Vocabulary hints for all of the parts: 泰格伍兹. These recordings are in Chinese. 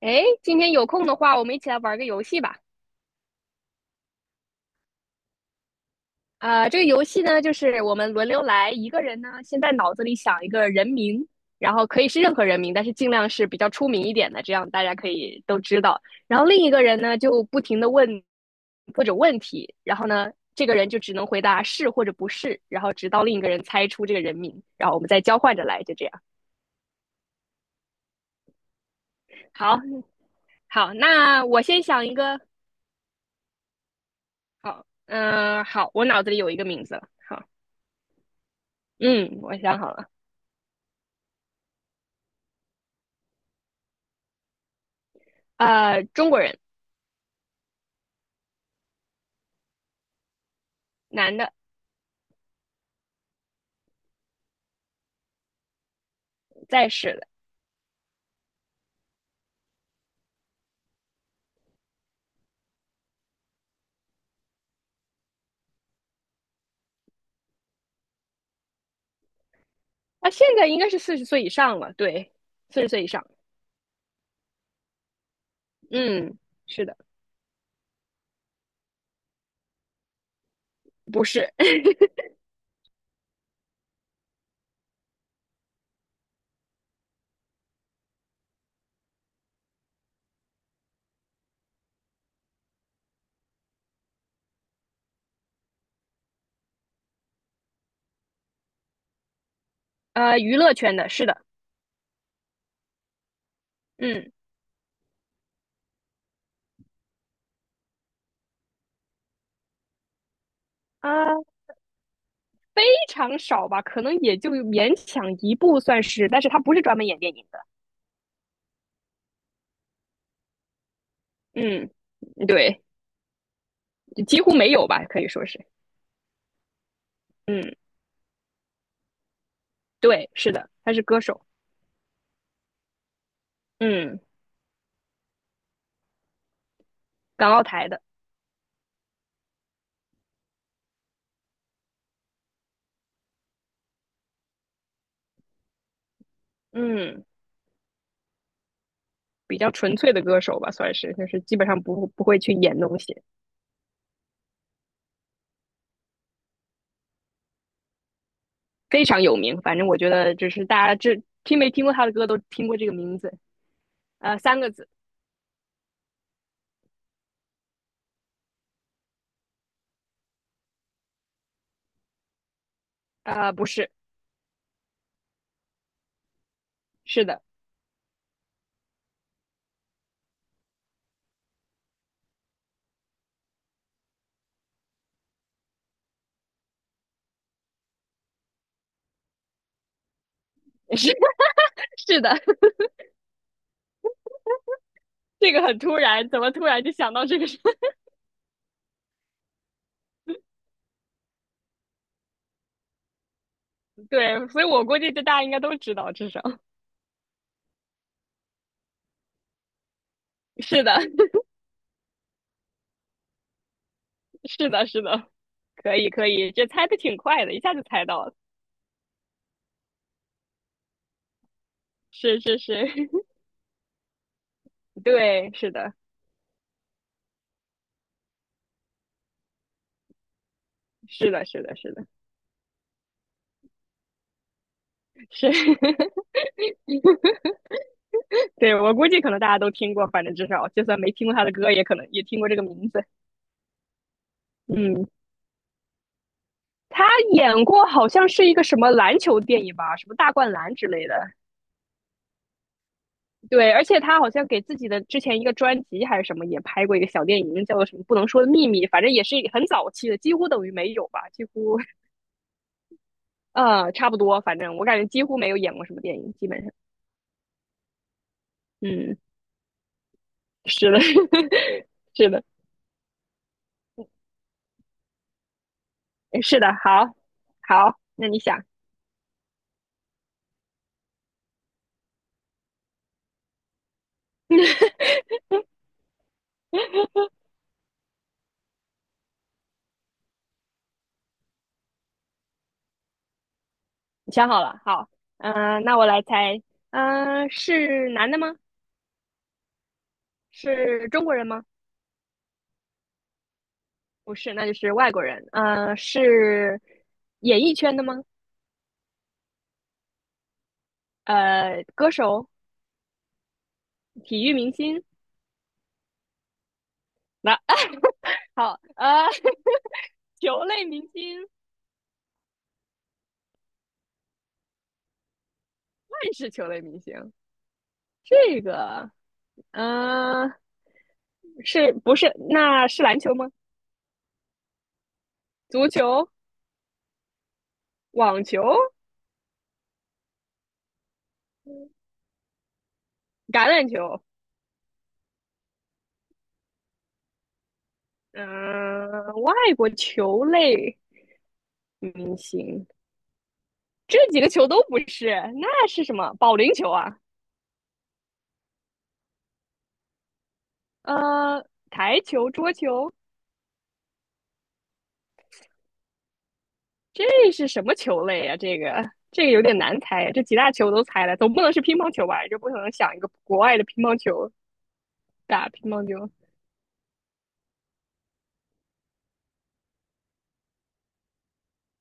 哎，今天有空的话，我们一起来玩个游戏吧。这个游戏呢，就是我们轮流来，一个人呢先在脑子里想一个人名，然后可以是任何人名，但是尽量是比较出名一点的，这样大家可以都知道。然后另一个人呢，就不停的问各种问题，然后呢，这个人就只能回答是或者不是，然后直到另一个人猜出这个人名，然后我们再交换着来，就这样。好，好，那我先想一个。好，好，我脑子里有一个名字了。好，嗯，我想好了。呃，中国人，男的，在世的，啊，现在应该是四十岁以上了，对，四十岁以上，嗯，是的，不是，呃，娱乐圈的，是的，嗯，啊、非常少吧，可能也就勉强一部算是，但是他不是专门演电影的，嗯，对，几乎没有吧，可以说是，嗯，对，是的，他是歌手，嗯，港澳台的，嗯，比较纯粹的歌手吧，算是，就是基本上不会去演东西，非常有名。反正我觉得就是大家这听没听过他的歌都听过这个名字，呃，三个字，呃，不是，是的，是 是的，这个很突然，怎么突然就想到这个事？对，所以我估计这大家应该都知道，至少 是的，是的，是的，可以可以，这猜的挺快的，一下就猜到了，是是是，对，是的，是的，是的，是的，是。对，我估计可能大家都听过，反正至少就算没听过他的歌，也可能也听过这个名字。嗯，他演过好像是一个什么篮球电影吧，什么大灌篮之类的。对，而且他好像给自己的之前一个专辑还是什么也拍过一个小电影，叫做什么不能说的秘密，反正也是很早期的，几乎等于没有吧，几乎呃差不多，反正我感觉几乎没有演过什么电影，基本上，嗯，是的，是的，是的，好，好，那你想，你想好了，好，那我来猜，是男的吗？是中国人吗？不是，那就是外国人。呃，是演艺圈的吗？呃，歌手、体育明星。那、好，呃，球类明星，万是球类明星。这个，呃，是不是？那是篮球吗？足球、网球、橄榄球。嗯、外国球类明星，这几个球都不是，那是什么？保龄球啊？呃，台球、桌球。这是什么球类呀、这个这个有点难猜呀，这几大球都猜了，总不能是乒乓球吧？这不可能想一个国外的乒乓球打乒乓球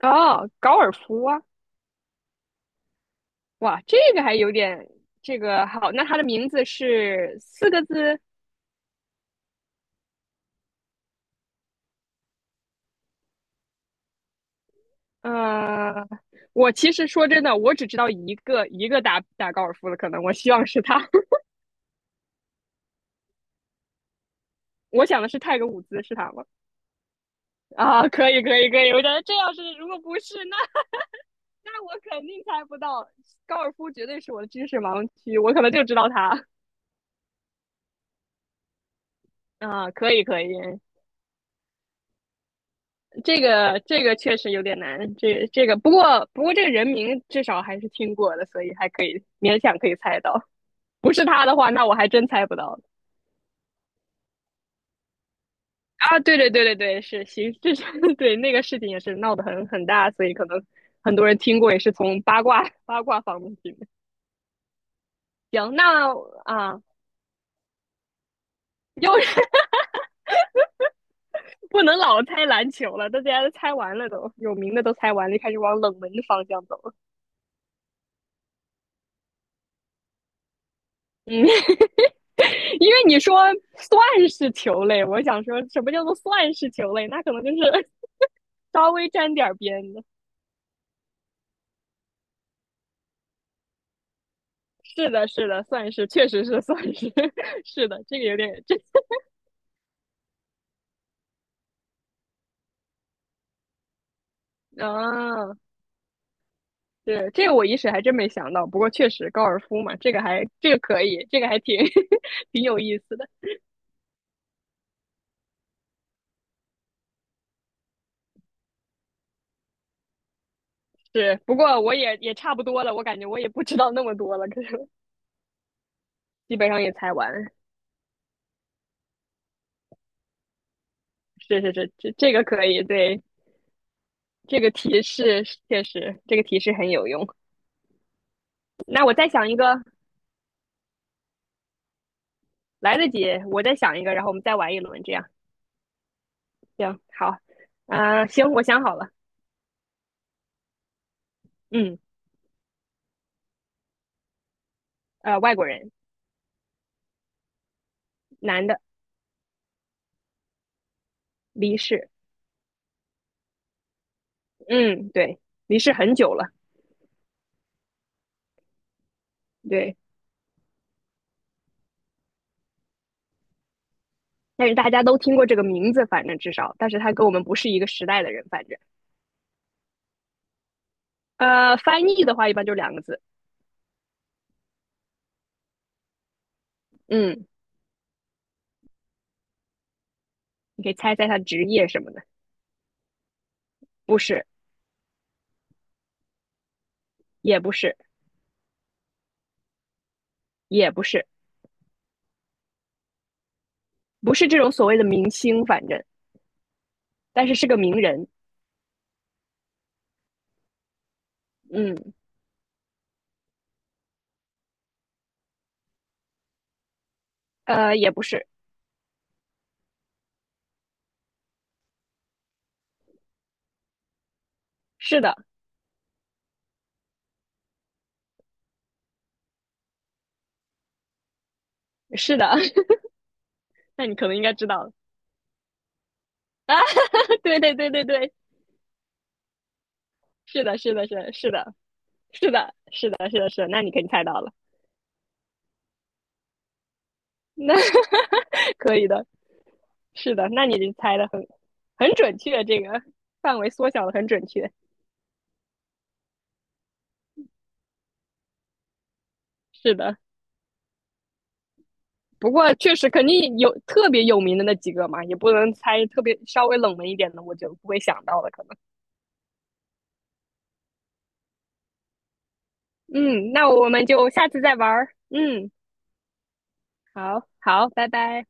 哦，高尔夫啊！哇，这个还有点这个好，那它的名字是四个字。呃，我其实说真的，我只知道一个打高尔夫的，可能我希望是他。我想的是泰格伍兹，是他吗？啊，可以可以可以，我觉得这要是如果不是，那那我肯定猜不到，高尔夫绝对是我的知识盲区，我可能就知道他。啊，可以可以，这个这个确实有点难，这这个不过这个人名至少还是听过的，所以还可以勉强可以猜到。不是他的话，那我还真猜不到啊！对对对对对，是行，这是 对那个事情也是闹得很大，所以可能很多人听过，也是从八卦方面听的。行，那啊，又是不能老猜篮球了，大家都猜完了都，有名的都猜完了，就开始往冷门的方向走了。嗯，因为你说算是球类，我想说什么叫做算是球类？那可能就是稍微沾点边的。是的，是的，算是，确实是算是，是的，这个有点这啊，对，这个我一时还真没想到。不过确实高尔夫嘛，这个还这个可以，这个还挺 挺有意思的。是，不过我也也差不多了，我感觉我也不知道那么多了，可是。基本上也猜完。是是是，这这个可以，对，这个提示确实，这个提示很有用。那我再想一个，来得及，我再想一个，然后我们再玩一轮，这样行好。行，我想好了，嗯，呃，外国人，男的，离世，嗯，对，离世很久了，对，但是大家都听过这个名字，反正至少，但是他跟我们不是一个时代的人，反正，呃，翻译的话一般就两个字，嗯，你可以猜猜他职业什么的，不是，也不是，也不是，不是这种所谓的明星，反正但是是个名人，嗯，呃，也不是，是的，是的，那你可能应该知道了啊，对对对对对，是的，是的，是的是的，是的，是的，是的，是的，那你肯定猜到了，那 可以的，是的，那你就猜的很准确，这个范围缩小的很准确，是的。不过确实肯定有特别有名的那几个嘛，也不能猜特别稍微冷门一点的，我就不会想到了可能。嗯，那我们就下次再玩儿。嗯，好好，拜拜。